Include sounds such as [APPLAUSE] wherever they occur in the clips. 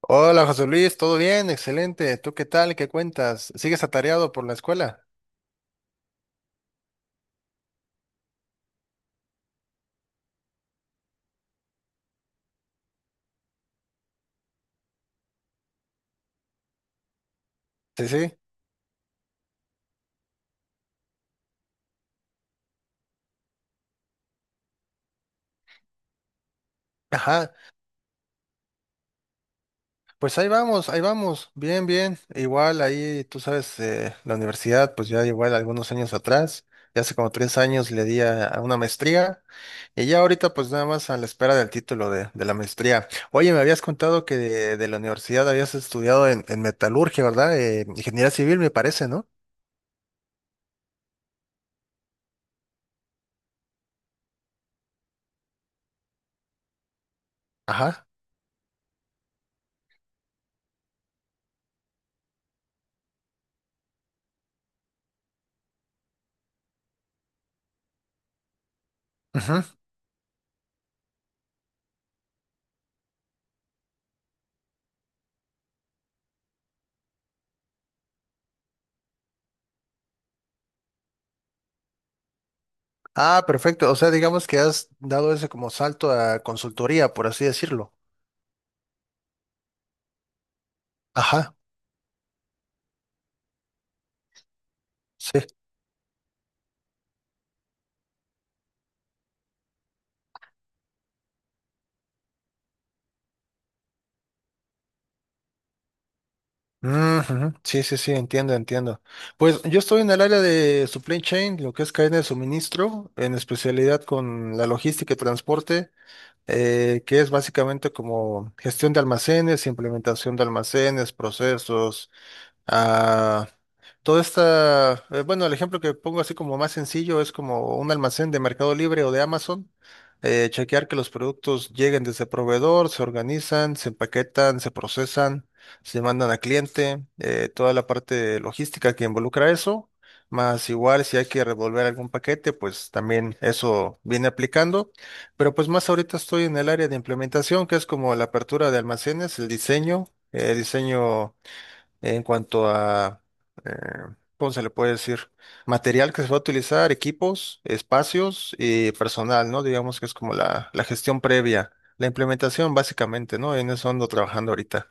Hola José Luis, ¿todo bien? Excelente. ¿Tú qué tal? ¿Qué cuentas? ¿Sigues atareado por la escuela? Sí, sí. Ajá. Pues ahí vamos, ahí vamos. Bien, bien. Igual ahí, tú sabes, la universidad, pues ya igual algunos años atrás, ya hace como 3 años le di a una maestría y ya ahorita pues nada más a la espera del título de la maestría. Oye, me habías contado que de la universidad habías estudiado en metalurgia, ¿verdad? Ingeniería civil, me parece, ¿no? Ajá. Ah, perfecto. O sea, digamos que has dado ese como salto a consultoría, por así decirlo. Ajá, sí. Ujú, sí, sí, sí, entiendo, entiendo. Pues yo estoy en el área de supply chain, lo que es cadena de suministro, en especialidad con la logística y transporte, que es básicamente como gestión de almacenes, implementación de almacenes, procesos, ah, toda esta, bueno, el ejemplo que pongo así como más sencillo es como un almacén de Mercado Libre o de Amazon, chequear que los productos lleguen desde el proveedor, se organizan, se empaquetan, se procesan, se mandan a cliente, toda la parte logística que involucra eso, más igual si hay que revolver algún paquete, pues también eso viene aplicando, pero pues más ahorita estoy en el área de implementación, que es como la apertura de almacenes, el diseño en cuanto a, eh, ¿cómo se le puede decir? Material que se va a utilizar, equipos, espacios y personal, ¿no? Digamos que es como la gestión previa, la implementación básicamente, ¿no? En eso ando trabajando ahorita.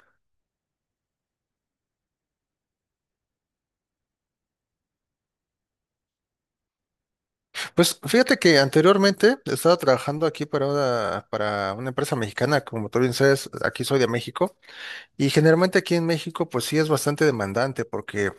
Pues fíjate que anteriormente estaba trabajando aquí para para una empresa mexicana, como tú bien sabes, aquí soy de México. Y generalmente aquí en México, pues sí es bastante demandante porque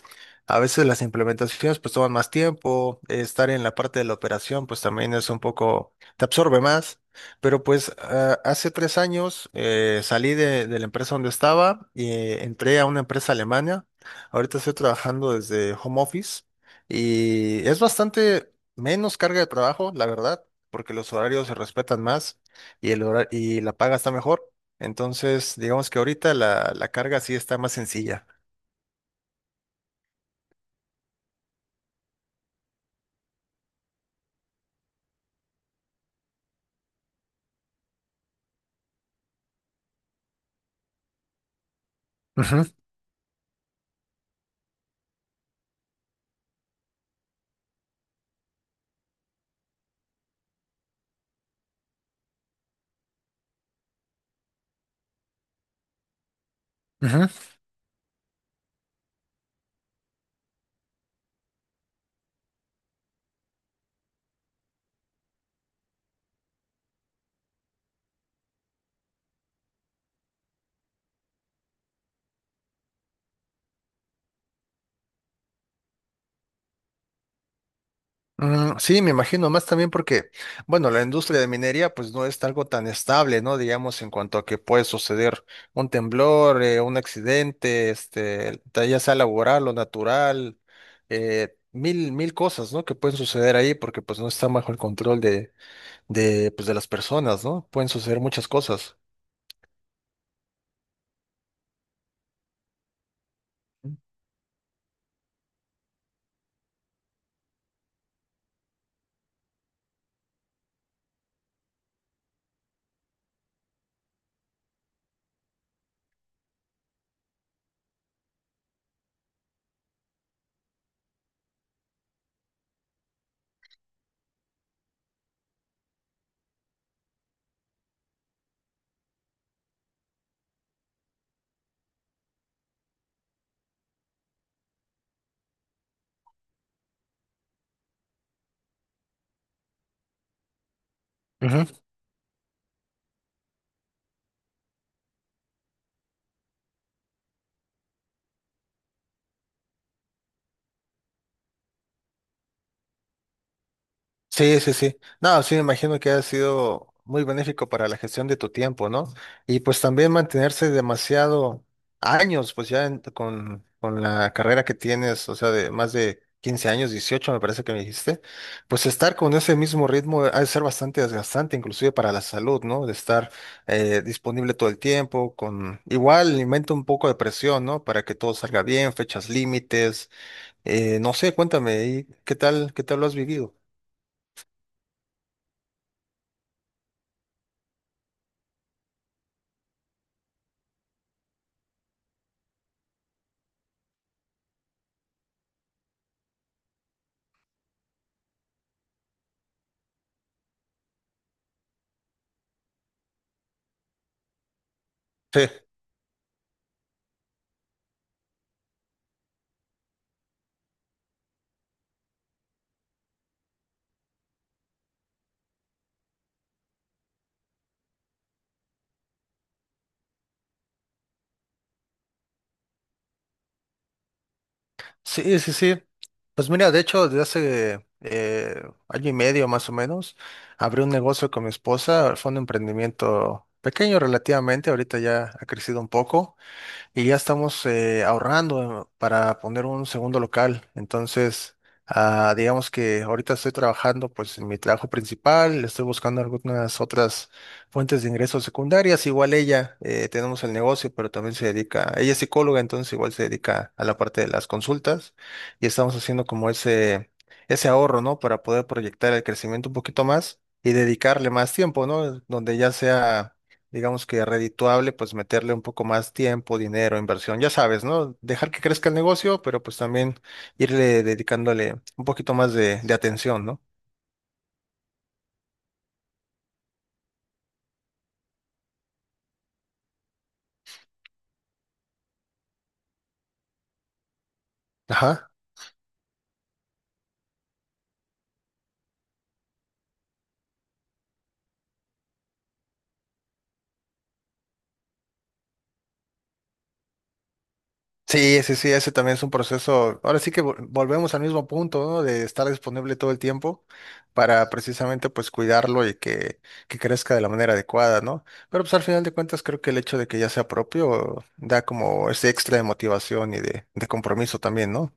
a veces las implementaciones pues toman más tiempo, estar en la parte de la operación pues también es un poco, te absorbe más, pero pues hace tres años salí de la empresa donde estaba y entré a una empresa alemana, ahorita estoy trabajando desde home office y es bastante menos carga de trabajo, la verdad, porque los horarios se respetan más y, y la paga está mejor. Entonces, digamos que ahorita la carga sí está más sencilla. Ujú, ujú. Mm, sí, me imagino, más también porque, bueno, la industria de minería pues no es algo tan estable, ¿no? Digamos, en cuanto a que puede suceder un temblor, un accidente, ya sea laboral o natural, mil, mil cosas, ¿no? Que pueden suceder ahí porque pues no está bajo el control pues, de las personas, ¿no? Pueden suceder muchas cosas. Sí, sí, sí. No, sí, me imagino que ha sido muy benéfico para la gestión de tu tiempo, ¿no? Y pues también mantenerse demasiado años, pues ya con la carrera que tienes, o sea, de más de 15 años, 18, me parece que me dijiste, pues estar con ese mismo ritmo ha de ser bastante desgastante, inclusive para la salud, ¿no? De estar disponible todo el tiempo, con igual inventa un poco de presión, ¿no? Para que todo salga bien, fechas límites, no sé, cuéntame, ¿y qué tal lo has vivido? Sí. Sí, sí, sí. Pues mira, de hecho, desde hace año y medio más o menos, abrí un negocio con mi esposa, fue un emprendimiento pequeño relativamente, ahorita ya ha crecido un poco, y ya estamos ahorrando para poner un segundo local. Entonces, ah, digamos que ahorita estoy trabajando pues en mi trabajo principal, estoy buscando algunas otras fuentes de ingresos secundarias. Igual ella, tenemos el negocio, pero también se dedica, ella es psicóloga, entonces igual se dedica a la parte de las consultas y estamos haciendo como ese ahorro, ¿no? Para poder proyectar el crecimiento un poquito más y dedicarle más tiempo, ¿no? Donde ya sea digamos que redituable, pues meterle un poco más tiempo, dinero, inversión, ya sabes, ¿no? Dejar que crezca el negocio, pero pues también irle dedicándole un poquito más de atención, ¿no? Ajá. Sí, sí, sí, ese también es un proceso. Ahora sí que volvemos al mismo punto, ¿no? De estar disponible todo el tiempo para precisamente pues cuidarlo y que crezca de la manera adecuada, ¿no? Pero pues al final de cuentas creo que el hecho de que ya sea propio da como ese extra de motivación y de compromiso también, ¿no?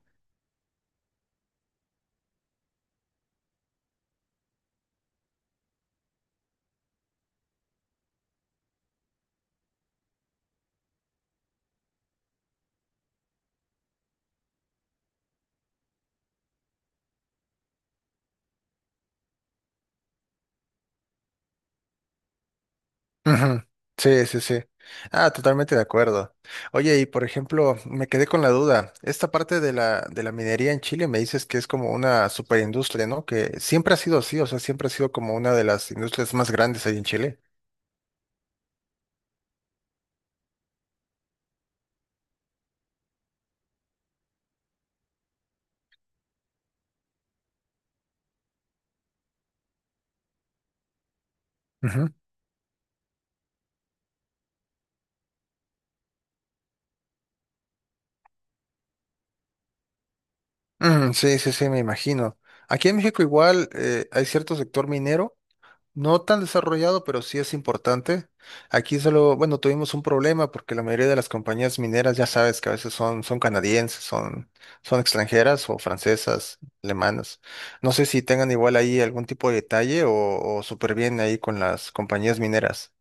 Ujú. Sí, sí, sí. Ah, totalmente de acuerdo. Oye, y por ejemplo, me quedé con la duda. Esta parte de la minería en Chile me dices que es como una superindustria, ¿no? Que siempre ha sido así, o sea, siempre ha sido como una de las industrias más grandes ahí en Chile. Ujú. Mm, sí, sí, sí, me imagino. Aquí en México igual hay cierto sector minero. No tan desarrollado, pero sí es importante. Aquí solo, bueno, tuvimos un problema porque la mayoría de las compañías mineras, ya sabes que a veces son canadienses, son extranjeras o francesas, alemanas. No sé si tengan igual ahí algún tipo de detalle o súper bien ahí con las compañías mineras.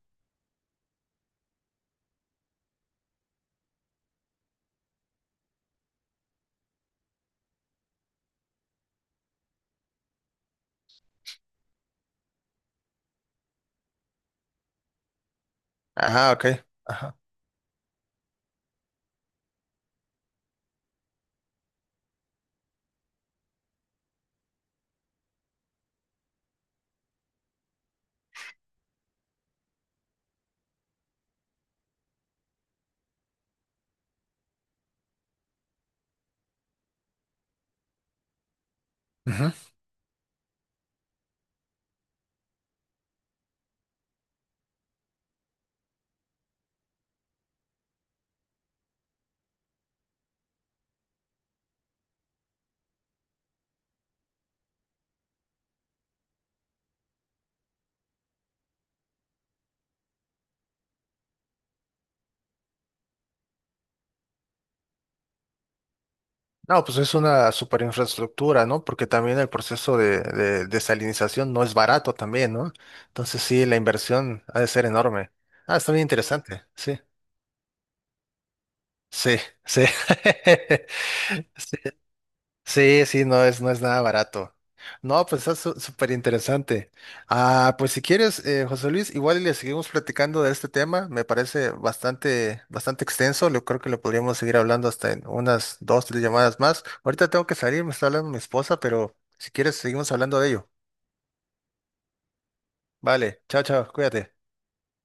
Ajá, ok. Ajá. Ujú. No, pues es una super infraestructura, ¿no? Porque también el proceso de desalinización no es barato también, ¿no? Entonces sí, la inversión ha de ser enorme. Ah, está bien interesante, sí. Sí, sí. [LAUGHS] Sí, sí, sí, no es nada barato. No, pues está súper interesante. Ah, pues si quieres, José Luis, igual y le seguimos platicando de este tema. Me parece bastante, bastante extenso. Yo creo que lo podríamos seguir hablando hasta en unas dos, tres llamadas más. Ahorita tengo que salir, me está hablando mi esposa, pero si quieres, seguimos hablando de ello. Vale, chao, chao, cuídate.